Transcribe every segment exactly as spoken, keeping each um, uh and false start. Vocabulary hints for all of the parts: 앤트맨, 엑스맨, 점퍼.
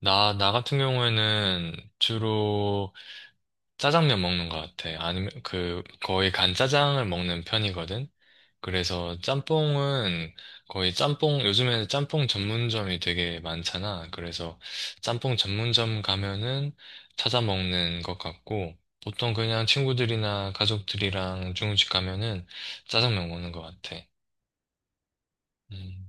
나, 나 같은 경우에는 주로 짜장면 먹는 것 같아. 아니면 그 거의 간짜장을 먹는 편이거든. 그래서 짬뽕은 거의 짬뽕, 요즘에는 짬뽕 전문점이 되게 많잖아. 그래서 짬뽕 전문점 가면은 찾아 먹는 것 같고, 보통 그냥 친구들이나 가족들이랑 중국집 가면은 짜장면 먹는 것 같아. 음.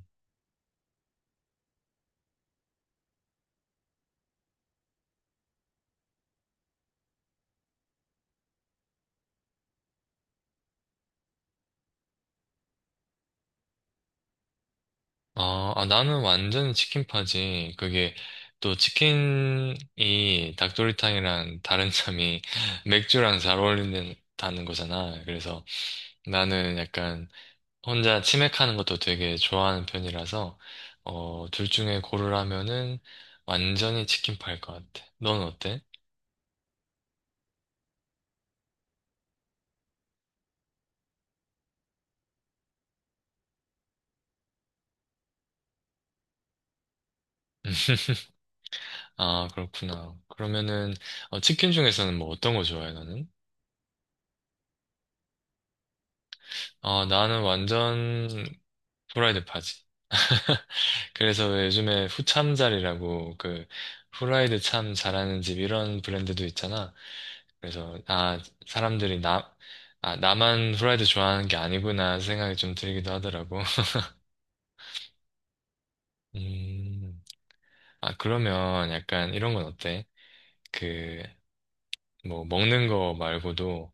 아, 아, 나는 완전 치킨파지. 그게 또 치킨이 닭도리탕이랑 다른 점이 맥주랑 잘 어울린다는 거잖아. 그래서 나는 약간 혼자 치맥하는 것도 되게 좋아하는 편이라서 어, 둘 중에 고르라면은 완전히 치킨파일 것 같아. 넌 어때? 아, 그렇구나. 그러면은 어, 치킨 중에서는 뭐 어떤 거 좋아해, 너는? 어, 나는 완전 프라이드 파지. 그래서 왜 요즘에 후참잘이라고 그 후라이드 참 잘하는 집 이런 브랜드도 있잖아. 그래서 아 사람들이 나 아, 나만 후라이드 좋아하는 게 아니구나 생각이 좀 들기도 하더라고. 음, 아, 그러면 약간 이런 건 어때? 그 뭐 먹는 거 말고도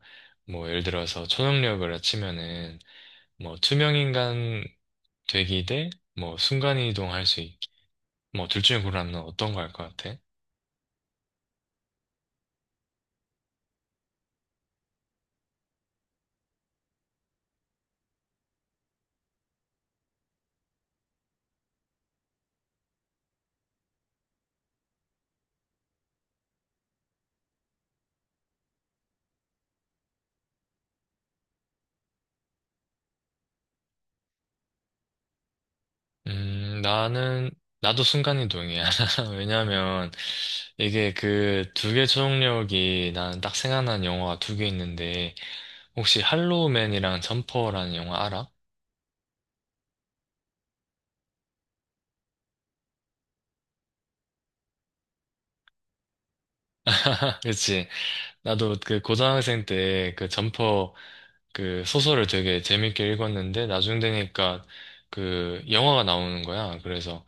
뭐 예를 들어서 초능력을 치면은 뭐 투명인간 되기 대 뭐 순간이동 할 수 있기 뭐둘 중에 고르라면 어떤 거 할 것 같아? 음, 나는, 나도 순간이동이야. 왜냐면, 이게 그 두 개 초능력이 나는 딱 생각난 영화가 두 개 있는데, 혹시 할로우맨이랑 점퍼라는 영화 알아? 그치. 나도 그 고등학생 때 그 점퍼 그 소설을 되게 재밌게 읽었는데, 나중 되니까 그 영화가 나오는 거야. 그래서,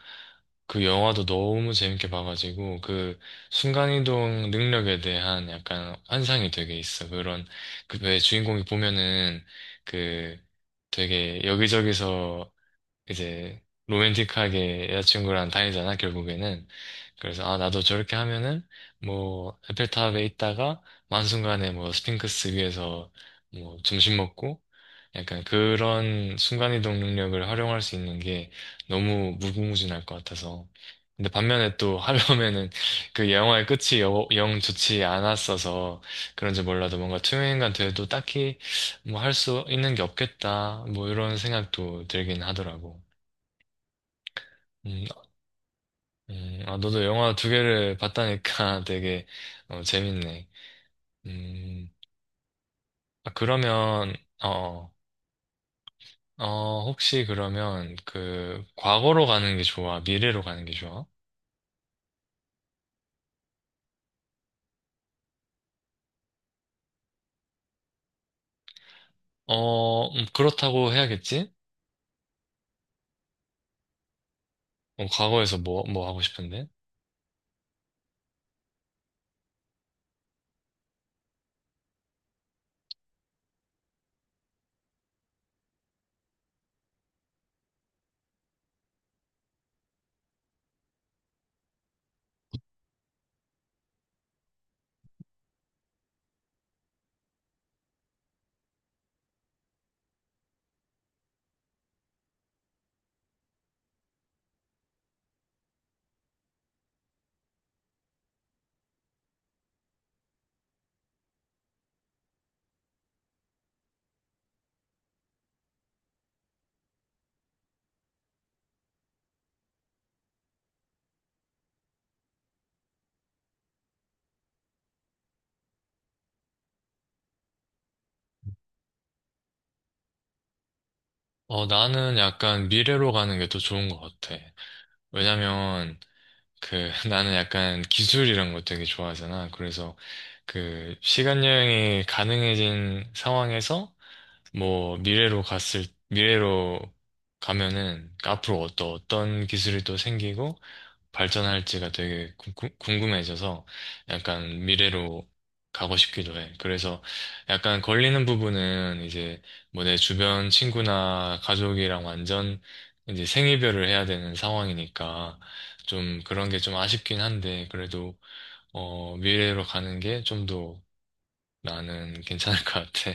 그 영화도 너무 재밌게 봐가지고 그 순간이동 능력에 대한 약간 환상이 되게 있어. 그런 그 왜 주인공이 보면은 그 되게 여기저기서 이제 로맨틱하게 여자친구랑 다니잖아, 결국에는. 그래서, 아, 나도 저렇게 하면은, 뭐, 에펠탑에 있다가, 만순간에 뭐, 스핑크스 위에서 뭐, 점심 먹고, 약간 그런 순간이동 능력을 활용할 수 있는 게 너무 무궁무진할 것 같아서. 근데 반면에 또 하려면은 그 영화의 끝이 여- 영 좋지 않았어서 그런지 몰라도 뭔가 투명인간 돼도 딱히 뭐 할 수 있는 게 없겠다. 뭐 이런 생각도 들긴 하더라고. 음, 음, 아, 너도 영화 두 개를 봤다니까 되게 어, 재밌네. 음, 아, 그러면, 어, 어, 혹시 그러면 그 과거로 가는 게 좋아? 미래로 가는 게 좋아? 어, 음, 그렇다고 해야겠지? 어, 과거에서 뭐, 뭐 하고 싶은데? 어, 나는 약간 미래로 가는 게 더 좋은 것 같아. 왜냐면 그 나는 약간 기술 이런 거 되게 좋아하잖아. 그래서 그 시간 여행이 가능해진 상황에서 뭐 미래로 갔을 미래로 가면은 앞으로 어떤 어떤 기술이 또 생기고 발전할지가 되게 궁금- 궁금해져서 약간 미래로 가고 싶기도 해. 그래서 약간 걸리는 부분은 이제 뭐 내 주변 친구나 가족이랑 완전 이제 생이별을 해야 되는 상황이니까 좀 그런 게 좀 아쉽긴 한데 그래도 어 미래로 가는 게 좀 더 나는 괜찮을 것 같아.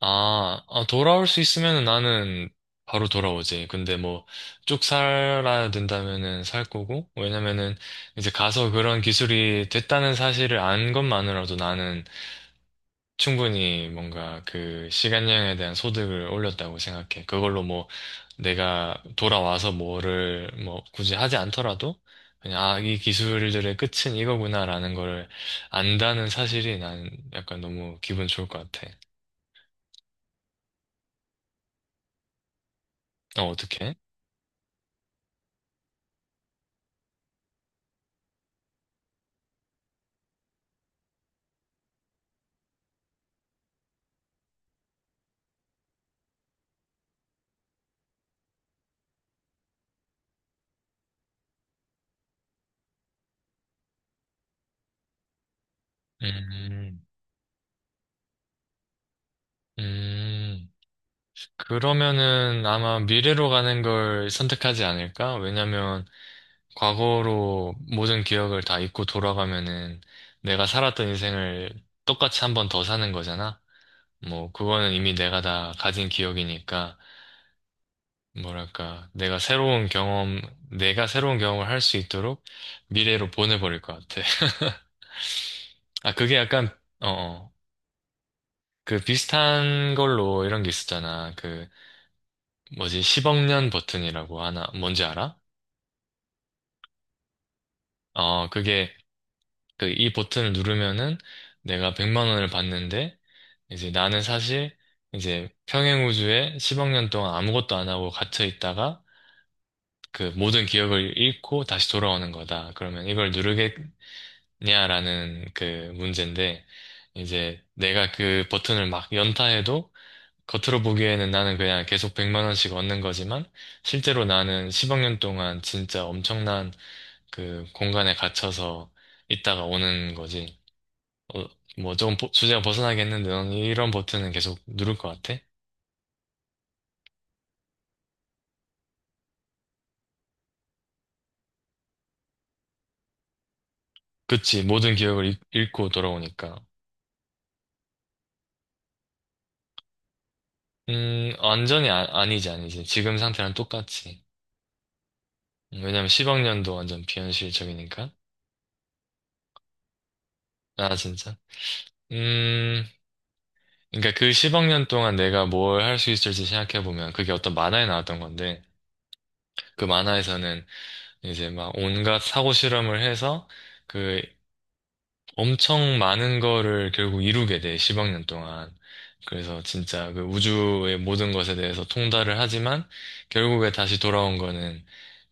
아, 아, 돌아올 수 있으면 나는 바로 돌아오지. 근데 뭐, 쭉 살아야 된다면은 살 거고, 왜냐면은 이제 가서 그런 기술이 됐다는 사실을 안 것만으로도 나는 충분히 뭔가 그 시간 여행에 대한 소득을 올렸다고 생각해. 그걸로 뭐, 내가 돌아와서 뭐를 뭐 굳이 하지 않더라도, 그냥 아, 이 기술들의 끝은 이거구나라는 거를 안다는 사실이 난 약간 너무 기분 좋을 것 같아. 어, 어떡해? 음. 음, 그러면은 아마 미래로 가는 걸 선택하지 않을까? 왜냐면 과거로 모든 기억을 다 잊고 돌아가면은 내가 살았던 인생을 똑같이 한 번 더 사는 거잖아? 뭐, 그거는 이미 내가 다 가진 기억이니까, 뭐랄까, 내가 새로운 경험, 내가 새로운 경험을 할 수 있도록 미래로 보내버릴 것 같아. 아, 그게 약간, 어, 어. 그 비슷한 걸로 이런 게 있었잖아. 그, 뭐지, 십억 년 버튼이라고 하나, 뭔지 알아? 어, 그게, 그, 이 버튼을 누르면은 내가 백만 원을 받는데, 이제 나는 사실, 이제 평행 우주에 십억 년 동안 아무것도 안 하고 갇혀 있다가, 그 모든 기억을 잃고 다시 돌아오는 거다. 그러면 이걸 누르겠냐라는 그 문제인데, 이제 내가 그 버튼을 막 연타해도, 겉으로 보기에는 나는 그냥 계속 백만 원씩 얻는 거지만, 실제로 나는 십억 년 동안 진짜 엄청난 그 공간에 갇혀서 있다가 오는 거지. 어, 뭐 조금 보- 주제가 벗어나긴 했는데 넌 이런 버튼은 계속 누를 것 같아? 그치, 모든 기억을 잃- 잃고 돌아오니까. 음, 완전히 아, 니지 아니지. 지금 상태랑 똑같지. 음, 왜냐면 십억 년도 완전 비현실적이니까. 아, 진짜? 음, 그러니까 그 십억 년 동안 내가 뭘 할 수 있을지 생각해보면 그게 어떤 만화에 나왔던 건데, 그 만화에서는 이제 막 온갖 사고 실험을 해서 그 엄청 많은 거를 결국 이루게 돼, 십억 년 동안. 그래서 진짜 그 우주의 모든 것에 대해서 통달을 하지만 결국에 다시 돌아온 거는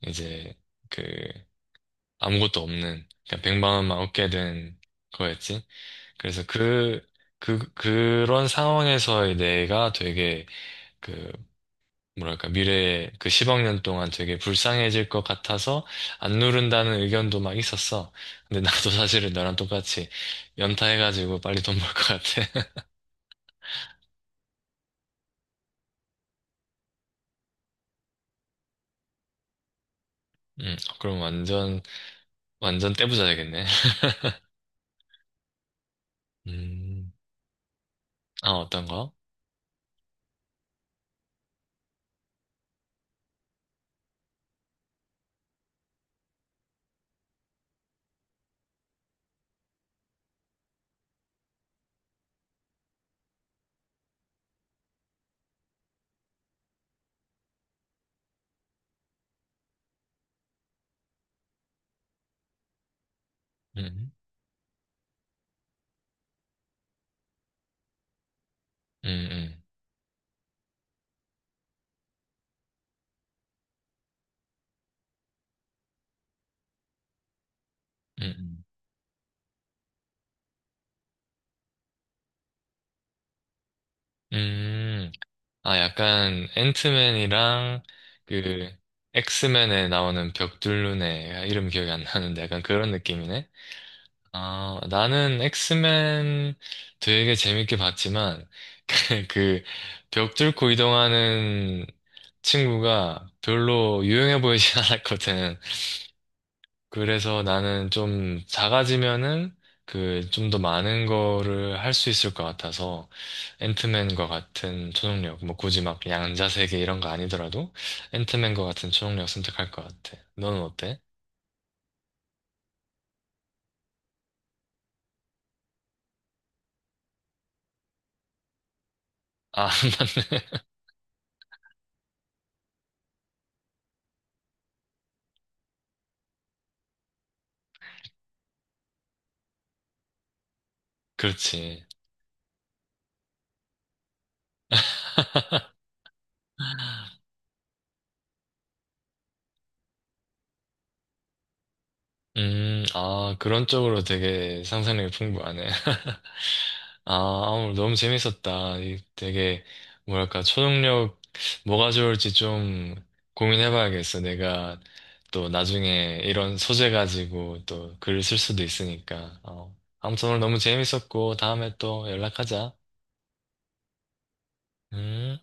이제 그 아무것도 없는, 그냥 백만 원만 얻게 된 거였지. 그래서 그, 그, 그런 상황에서의 내가 되게 그 뭐랄까, 미래에 그 십억 년 동안 되게 불쌍해질 것 같아서 안 누른다는 의견도 막 있었어. 근데 나도 사실은 너랑 똑같이 연타해가지고 빨리 돈 벌 것 같아. 음, 그럼 완전, 완전 떼부자야겠네. 음, 아, 어떤 거? 음, 음, 음, 음, 음. 음. 아, 약간 앤트맨이랑 그 엑스맨에 나오는 벽돌루네. 이름 기억이 안 나는데 약간 그런 느낌이네. 아, 나는 엑스맨 되게 재밌게 봤지만, 그, 벽 뚫고 이동하는 친구가 별로 유용해 보이진 않았거든. 그래서 나는 좀 작아지면은, 그, 좀 더 많은 거를 할 수 있을 것 같아서, 앤트맨과 같은 초능력, 뭐 굳이 막 양자세계 이런 거 아니더라도, 앤트맨과 같은 초능력 선택할 것 같아. 너는 어때? 아, 맞네. 그렇지. 음, 아, 그런 쪽으로 되게 상상력이 풍부하네. 아, 오늘 너무 재밌었다. 이 되게, 뭐랄까, 초능력, 뭐가 좋을지 좀 고민해봐야겠어. 내가 또 나중에 이런 소재 가지고 또 글을 쓸 수도 있으니까. 어. 아무튼 오늘 너무 재밌었고, 다음에 또 연락하자. 음.